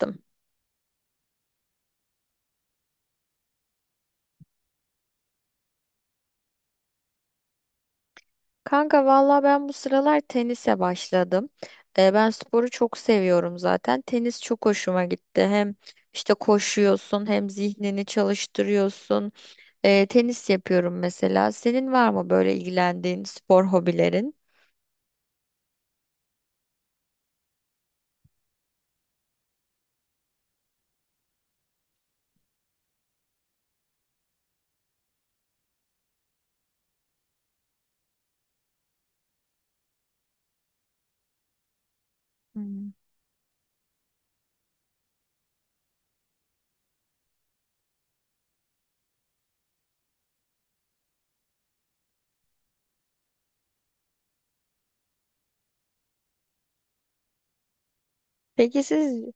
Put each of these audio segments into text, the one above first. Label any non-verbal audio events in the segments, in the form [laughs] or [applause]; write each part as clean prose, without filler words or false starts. Yaptım. Kanka valla ben bu sıralar tenise başladım. Ben sporu çok seviyorum zaten. Tenis çok hoşuma gitti. Hem işte koşuyorsun hem zihnini çalıştırıyorsun. Tenis yapıyorum mesela. Senin var mı böyle ilgilendiğin spor hobilerin? Hmm. Peki siz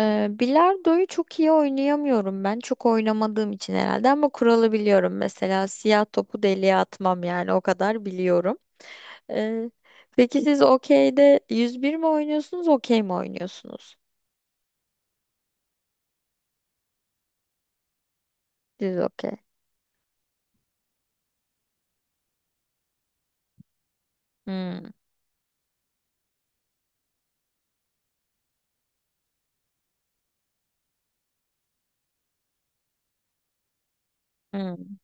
bilardoyu çok iyi oynayamıyorum ben. Çok oynamadığım için herhalde ama kuralı biliyorum. Mesela siyah topu deliğe atmam yani o kadar biliyorum. Ee, peki siz okeyde 101 mi oynuyorsunuz, okey mi oynuyorsunuz? Siz okey. Hmm, hmm.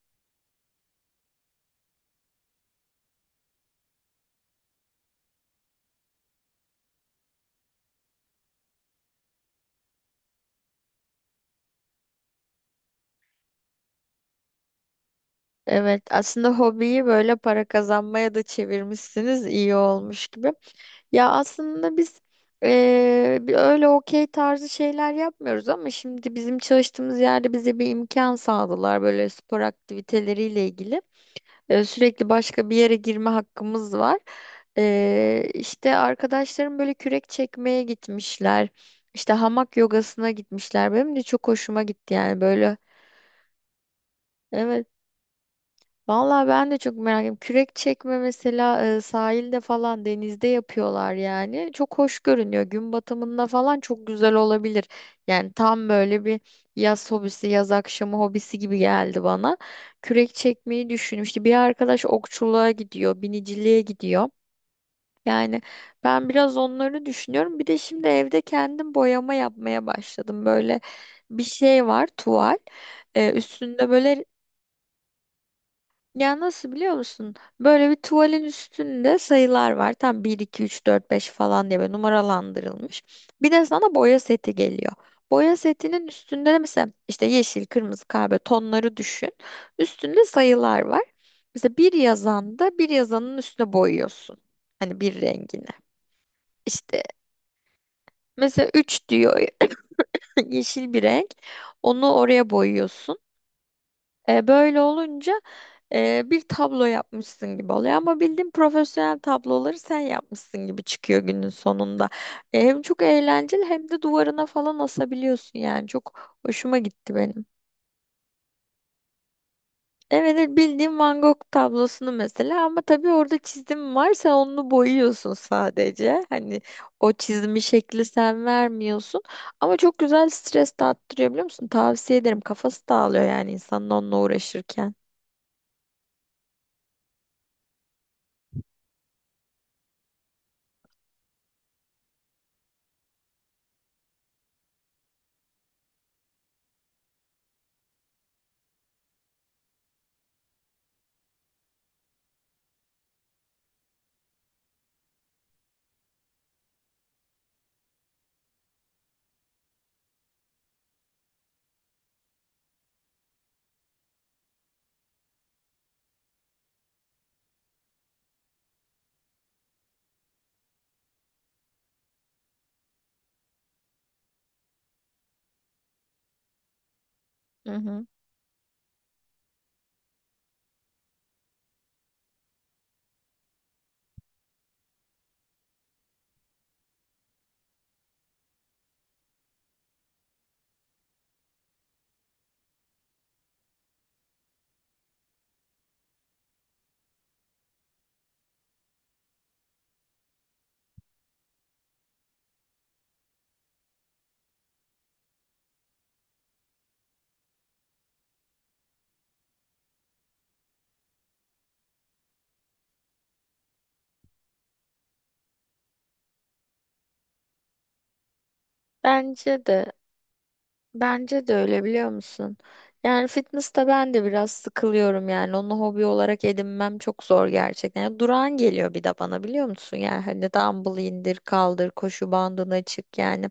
Evet, aslında hobiyi böyle para kazanmaya da çevirmişsiniz, iyi olmuş gibi. Ya aslında biz bir öyle okey tarzı şeyler yapmıyoruz ama şimdi bizim çalıştığımız yerde bize bir imkan sağladılar böyle spor aktiviteleriyle ilgili. Sürekli başka bir yere girme hakkımız var. İşte arkadaşlarım böyle kürek çekmeye gitmişler. İşte hamak yogasına gitmişler. Benim de çok hoşuma gitti yani böyle. Evet. Vallahi ben de çok merak ediyorum. Kürek çekme mesela sahilde falan denizde yapıyorlar yani. Çok hoş görünüyor. Gün batımında falan çok güzel olabilir. Yani tam böyle bir yaz hobisi, yaz akşamı hobisi gibi geldi bana. Kürek çekmeyi düşünmüştü. Bir arkadaş okçuluğa gidiyor, biniciliğe gidiyor. Yani ben biraz onları düşünüyorum. Bir de şimdi evde kendim boyama yapmaya başladım. Böyle bir şey var, tuval. Üstünde böyle ya, nasıl biliyor musun? Böyle bir tuvalin üstünde sayılar var. Tam 1, 2, 3, 4, 5 falan diye böyle numaralandırılmış. Bir de sana boya seti geliyor. Boya setinin üstünde de mesela işte yeşil, kırmızı, kahve tonları düşün. Üstünde sayılar var. Mesela bir yazanda bir yazanın üstüne boyuyorsun. Hani bir rengini. İşte mesela 3 diyor [laughs] [clears throat] yeşil bir renk. Onu oraya boyuyorsun. Böyle olunca bir tablo yapmışsın gibi oluyor ama bildiğin profesyonel tabloları sen yapmışsın gibi çıkıyor günün sonunda. Hem çok eğlenceli hem de duvarına falan asabiliyorsun yani çok hoşuma gitti benim. Evet evet, bildiğim Van Gogh tablosunu mesela ama tabii orada çizim var, sen onu boyuyorsun sadece. Hani o çizimi şekli sen vermiyorsun ama çok güzel stres dağıttırıyor biliyor musun? Tavsiye ederim, kafası dağılıyor yani insanın onunla uğraşırken. Hı hı. Bence de bence de öyle biliyor musun? Yani fitness'ta ben de biraz sıkılıyorum yani onu hobi olarak edinmem çok zor gerçekten. Yani durağan geliyor bir de bana biliyor musun? Yani hani dumbbell indir kaldır, koşu bandını çık yani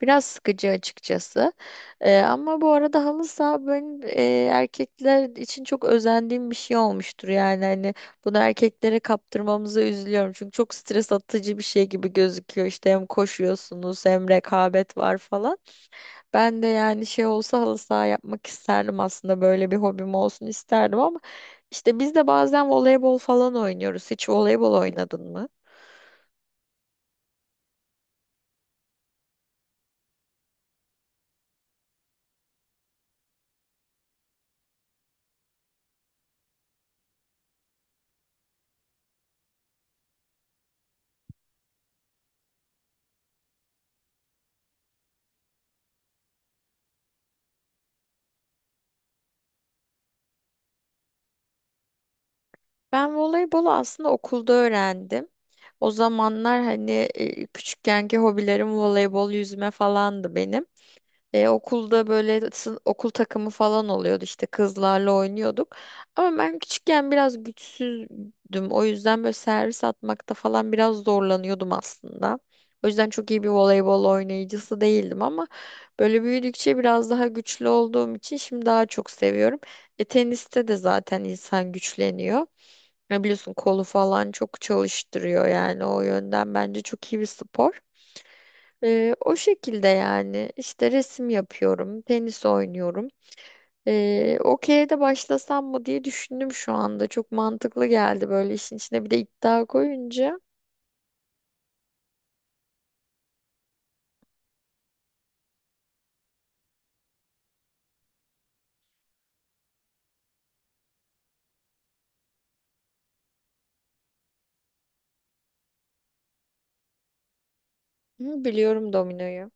biraz sıkıcı açıkçası. Ama bu arada halı saha, ben erkekler için çok özendiğim bir şey olmuştur yani hani bunu erkeklere kaptırmamıza üzülüyorum. Çünkü çok stres atıcı bir şey gibi gözüküyor. İşte hem koşuyorsunuz hem rekabet var falan. Ben de yani şey olsa halı saha yapmak isterdim aslında, böyle bir hobim olsun isterdim ama işte biz de bazen voleybol falan oynuyoruz. Hiç voleybol oynadın mı? Ben voleybolu aslında okulda öğrendim. O zamanlar hani küçükkenki hobilerim voleybol, yüzme falandı benim. Okulda böyle okul takımı falan oluyordu, işte kızlarla oynuyorduk. Ama ben küçükken biraz güçsüzdüm. O yüzden böyle servis atmakta falan biraz zorlanıyordum aslında. O yüzden çok iyi bir voleybol oynayıcısı değildim ama böyle büyüdükçe biraz daha güçlü olduğum için şimdi daha çok seviyorum. Teniste de zaten insan güçleniyor. Ya biliyorsun kolu falan çok çalıştırıyor yani o yönden bence çok iyi bir spor. O şekilde yani işte resim yapıyorum, tenis oynuyorum. Okey'e de başlasam mı diye düşündüm şu anda. Çok mantıklı geldi böyle, işin içine bir de iddia koyunca. Hı, biliyorum dominoyu.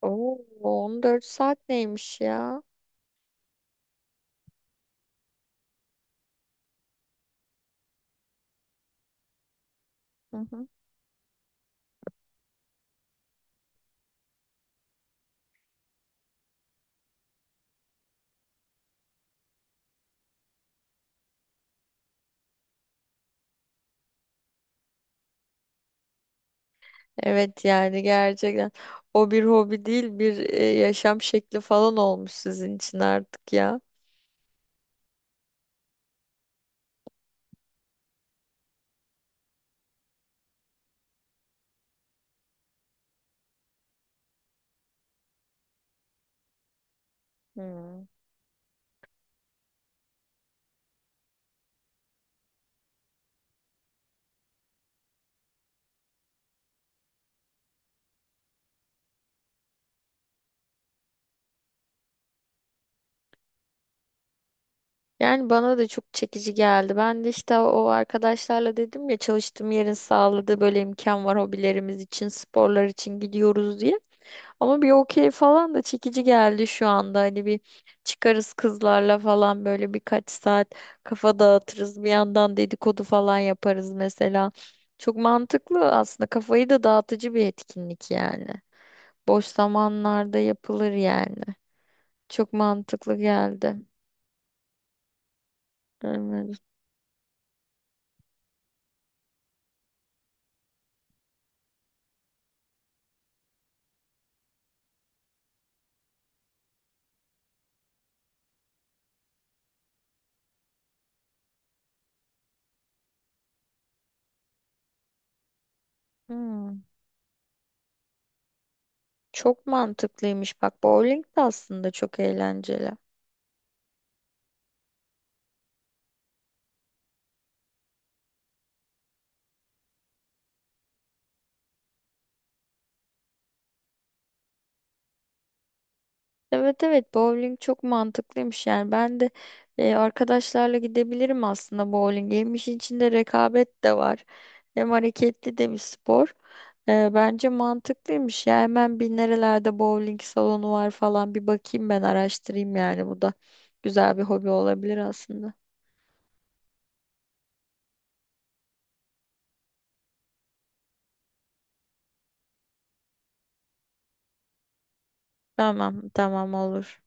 Oo, 14 saat neymiş ya? Hı hı. Evet yani gerçekten o bir hobi değil, bir yaşam şekli falan olmuş sizin için artık ya. Hı. Yani bana da çok çekici geldi. Ben de işte o arkadaşlarla dedim ya, çalıştığım yerin sağladığı böyle imkan var hobilerimiz için, sporlar için gidiyoruz diye. Ama bir okey falan da çekici geldi şu anda. Hani bir çıkarız kızlarla falan böyle birkaç saat kafa dağıtırız. Bir yandan dedikodu falan yaparız mesela. Çok mantıklı aslında. Kafayı da dağıtıcı bir etkinlik yani. Boş zamanlarda yapılır yani. Çok mantıklı geldi. Evet. Hmm. Çok mantıklıymış bak, bowling de aslında çok eğlenceli. Evet evet, bowling çok mantıklıymış yani ben de arkadaşlarla gidebilirim aslında bowling. Hem işin içinde rekabet de var hem hareketli de bir spor. Bence mantıklıymış ya, hemen bir nerelerde bowling salonu var falan bir bakayım, ben araştırayım yani bu da güzel bir hobi olabilir aslında. Tamam tamam, olur.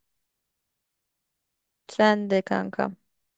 Sen de kanka.